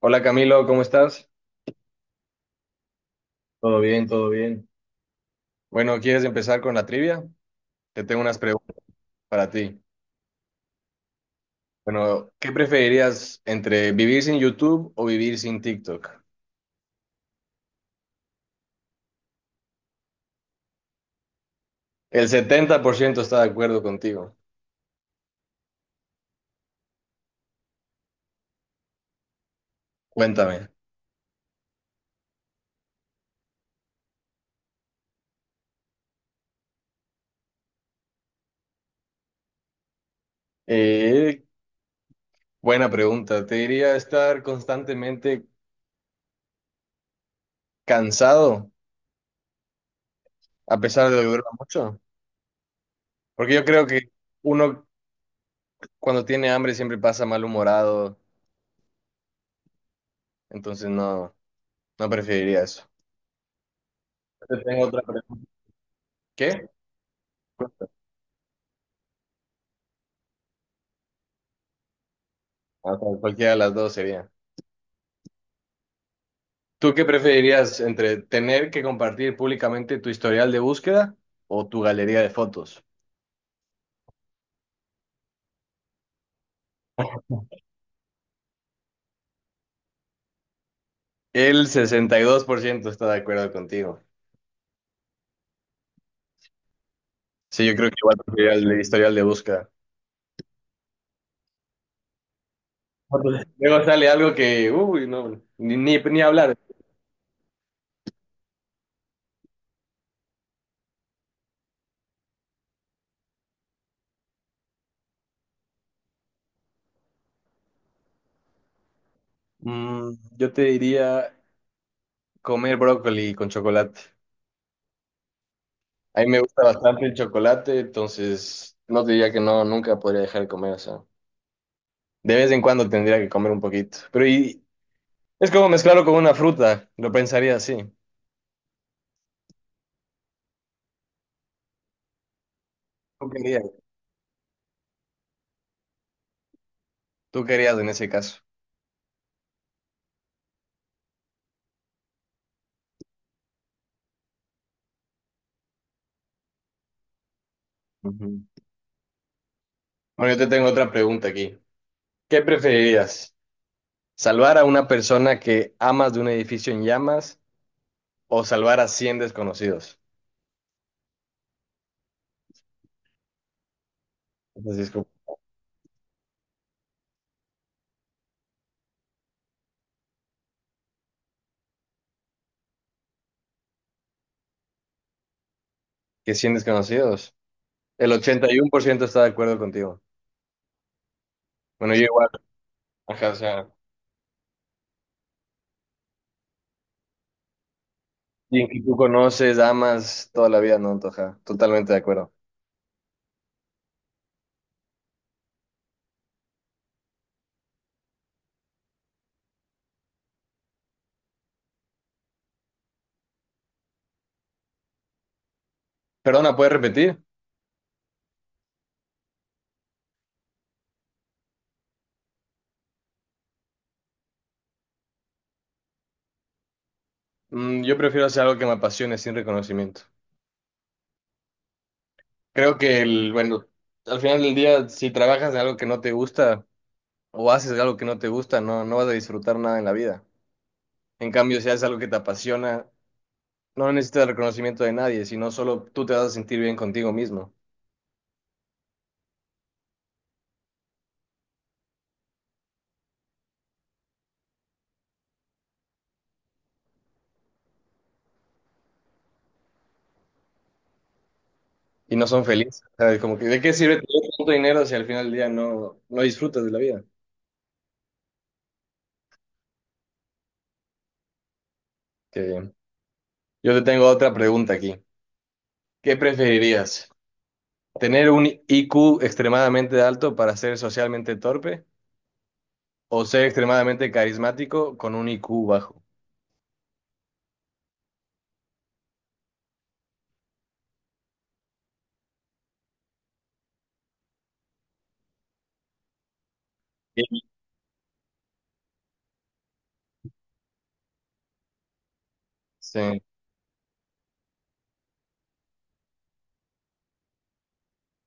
Hola Camilo, ¿cómo estás? Todo bien, todo bien. Bueno, ¿quieres empezar con la trivia? Te tengo unas preguntas para ti. Bueno, ¿qué preferirías entre vivir sin YouTube o vivir sin TikTok? El 70% está de acuerdo contigo. Cuéntame. Eh, Buena pregunta. ¿Te diría estar constantemente cansado a pesar de que duerma mucho? Porque yo creo que uno cuando tiene hambre siempre pasa malhumorado, entonces no, no preferiría eso. Te tengo otra pregunta. ¿Qué? O sea, cualquiera de las dos sería. ¿Tú qué preferirías entre tener que compartir públicamente tu historial de búsqueda o tu galería de fotos? El 62% está de acuerdo contigo. Sí, yo creo que igual preferiría el historial de búsqueda. Luego sale algo que, uy, no, ni hablar. Mm, yo te diría comer brócoli con chocolate. A mí me gusta bastante el chocolate, entonces no te diría que no, nunca podría dejar de comer, o sea, de vez en cuando tendría que comer un poquito. Pero ¿y, es como mezclarlo con una fruta, lo pensaría así. Tú querías, tú querías en ese caso. Ujú. Bueno, yo te tengo otra pregunta aquí. ¿Qué preferirías? ¿Salvar a una persona que amas de un edificio en llamas o salvar a 100 desconocidos? Entonces, como, ¿qué 100 desconocidos? El 81% está de acuerdo contigo. Bueno, yo igual, ajá, o sea, alguien que tú conoces, amas toda la vida, no, Antoja, totalmente de acuerdo. Perdona, ¿puedes repetir? Mm, yo prefiero hacer algo que me apasione sin reconocimiento. Creo que el, bueno, al final del día, si trabajas de algo que no te gusta o haces algo que no te gusta, no, no vas a disfrutar nada en la vida. En cambio, si haces algo que te apasiona, no necesitas el reconocimiento de nadie, sino solo tú te vas a sentir bien contigo mismo y no son felices. O sea, es como que, ¿de qué sirve tener tanto dinero si al final del día no, no disfrutas de la vida? Qué bien. Yo te tengo otra pregunta aquí. ¿Qué preferirías? ¿Tener un IQ extremadamente alto para ser socialmente torpe o ser extremadamente carismático con un IQ bajo? Sí,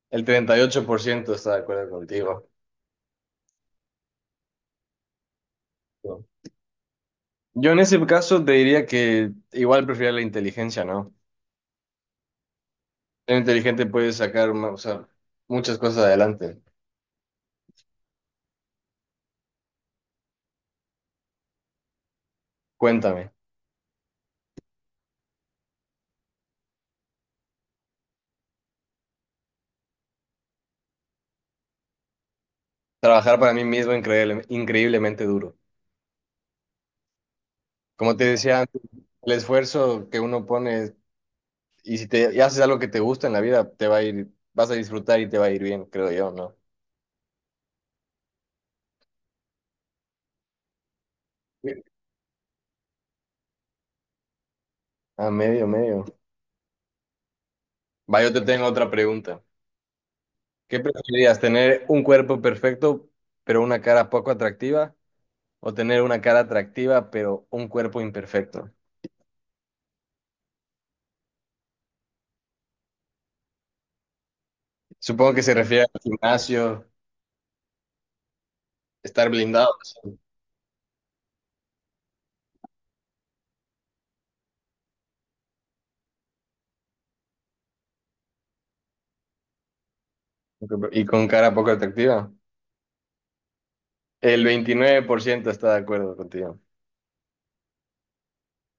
el 38% está de acuerdo contigo. Yo en ese caso te diría que igual prefiero la inteligencia, ¿no? Ser inteligente puede sacar, ma- o sea, muchas cosas adelante. Cuéntame. Trabajar para mí mismo increíble- increíblemente duro. Como te decía antes, el esfuerzo que uno pone y si te y haces algo que te gusta en la vida, te va a ir, vas a disfrutar y te va a ir bien, creo yo, ¿no? A medio, medio. Va, yo te tengo otra pregunta. ¿Qué preferirías? ¿Tener un cuerpo perfecto pero una cara poco atractiva? ¿O tener una cara atractiva pero un cuerpo imperfecto? Supongo que se refiere al gimnasio, estar blindado y con cara poco atractiva. El 29% está de acuerdo contigo.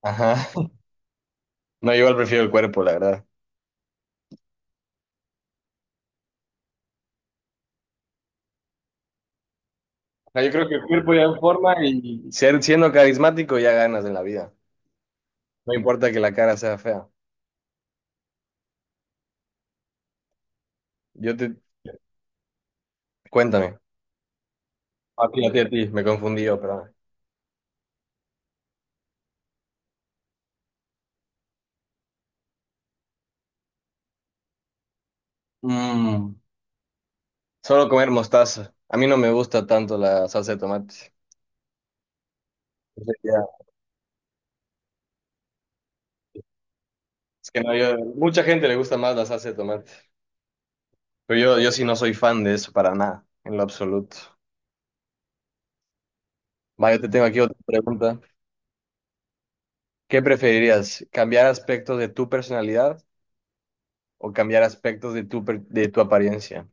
Ajá. No, yo igual prefiero el cuerpo, la verdad. O sea, yo creo que el cuerpo ya en forma y ser, siendo carismático ya ganas en la vida. No importa que la cara sea fea. Yo te... Cuéntame. A ti, a ti, a ti. Me confundí yo, pero... Mm. Solo comer mostaza. A mí no me gusta tanto la salsa de tomate. Entonces, ya, es que no, yo, mucha gente le gusta más la salsa de tomate. Pero yo sí no soy fan de eso para nada, en lo absoluto. Va, yo te tengo aquí otra pregunta. ¿Qué preferirías? ¿Cambiar aspectos de tu personalidad o cambiar aspectos de tu, per- de tu apariencia?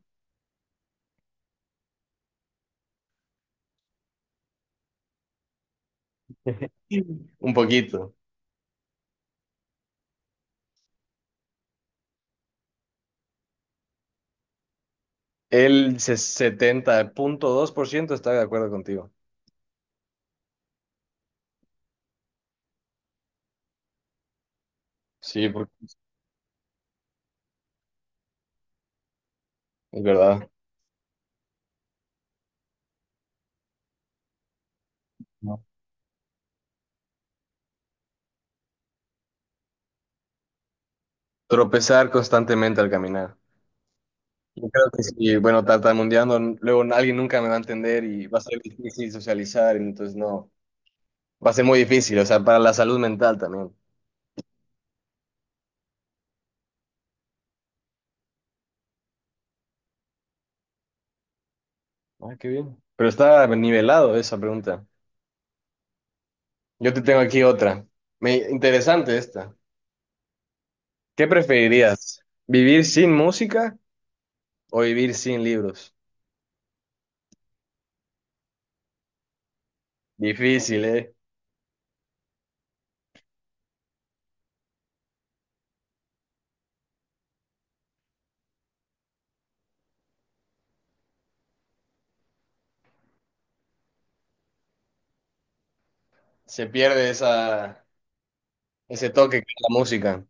Un poquito. El se- 70,2% está de acuerdo contigo. Sí, porque es verdad. No. Tropezar constantemente al caminar. Yo creo que sí, bueno, tartamudeando, luego alguien nunca me va a entender y va a ser difícil socializar, entonces no, va a ser muy difícil, o sea, para la salud mental también. Ah, qué bien. Pero está nivelado esa pregunta. Yo te tengo aquí otra. Me, interesante esta. ¿Qué preferirías? ¿Vivir sin música o vivir sin libros? Difícil, ¿eh? Se pierde esa, ese toque que es la música.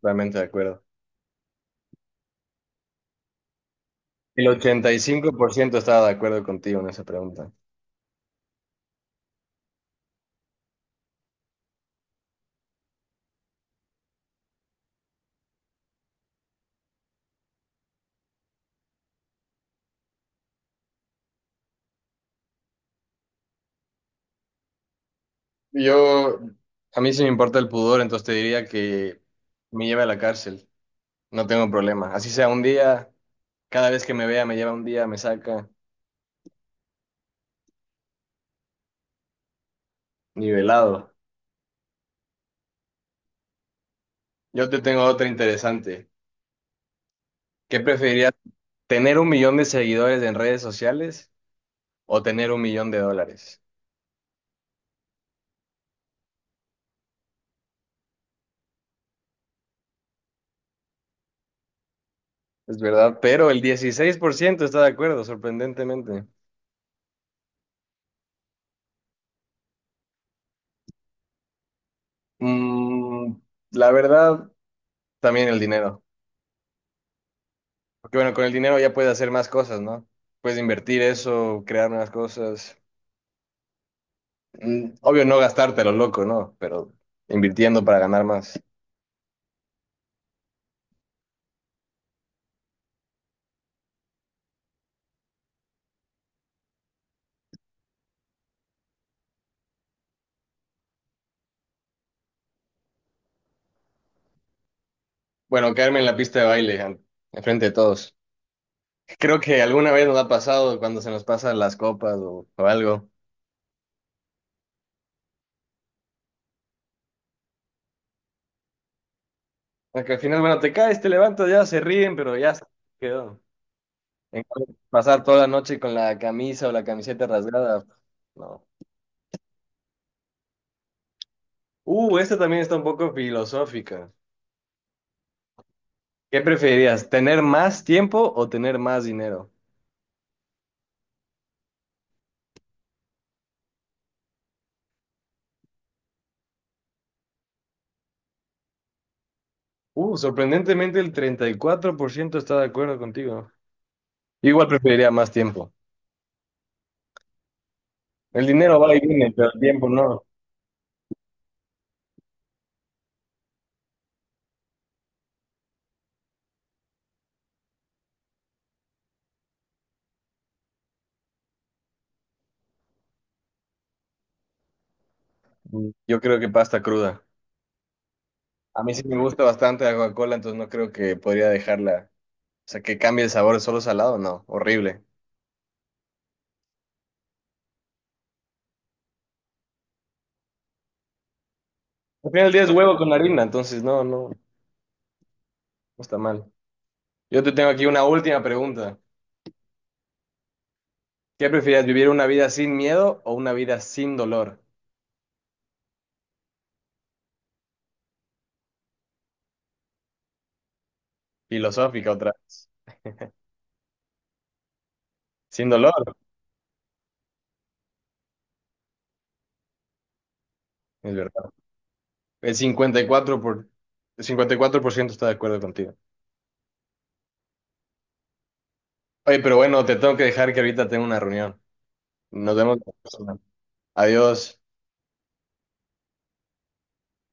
Totalmente de acuerdo. El 85% estaba de acuerdo contigo en esa pregunta. Yo, a mí sí me importa el pudor, entonces te diría que me lleve a la cárcel. No tengo problema. Así sea un día, cada vez que me vea me lleva un día, me saca nivelado. Yo te tengo otra interesante. ¿Qué preferirías, tener 1 millón de seguidores en redes sociales o tener 1 millón de dólares? Es verdad, pero el 16% está de acuerdo, sorprendentemente. Mm, la verdad, también el dinero. Porque bueno, con el dinero ya puedes hacer más cosas, ¿no? Puedes invertir eso, crear nuevas cosas. Mm, obvio no gastártelo, loco, ¿no? Pero invirtiendo para ganar más. Bueno, caerme en la pista de baile, an- enfrente de todos. Creo que alguna vez nos ha pasado cuando se nos pasan las copas o algo. Porque al final, bueno, te caes, te levantas, ya se ríen, pero ya se quedó. En cambio, pasar toda la noche con la camisa o la camiseta rasgada, no. Esta también está un poco filosófica. ¿Qué preferirías, tener más tiempo o tener más dinero? Sorprendentemente el 34% está de acuerdo contigo. Yo igual preferiría más tiempo. El dinero va y viene, pero el tiempo no. Yo creo que pasta cruda. A mí sí me gusta bastante la Coca-Cola, entonces no creo que podría dejarla. O sea, que cambie el sabor solo salado, no, horrible. Al final del día es huevo con harina, entonces no está mal. Yo te tengo aquí una última pregunta. ¿Qué prefieres, vivir una vida sin miedo o una vida sin dolor? Filosófica otra vez. Sin dolor, es verdad. El 54 por, el 54% está de acuerdo contigo. Oye, pero bueno, te tengo que dejar que ahorita tengo una reunión. Nos vemos la próxima. Adiós.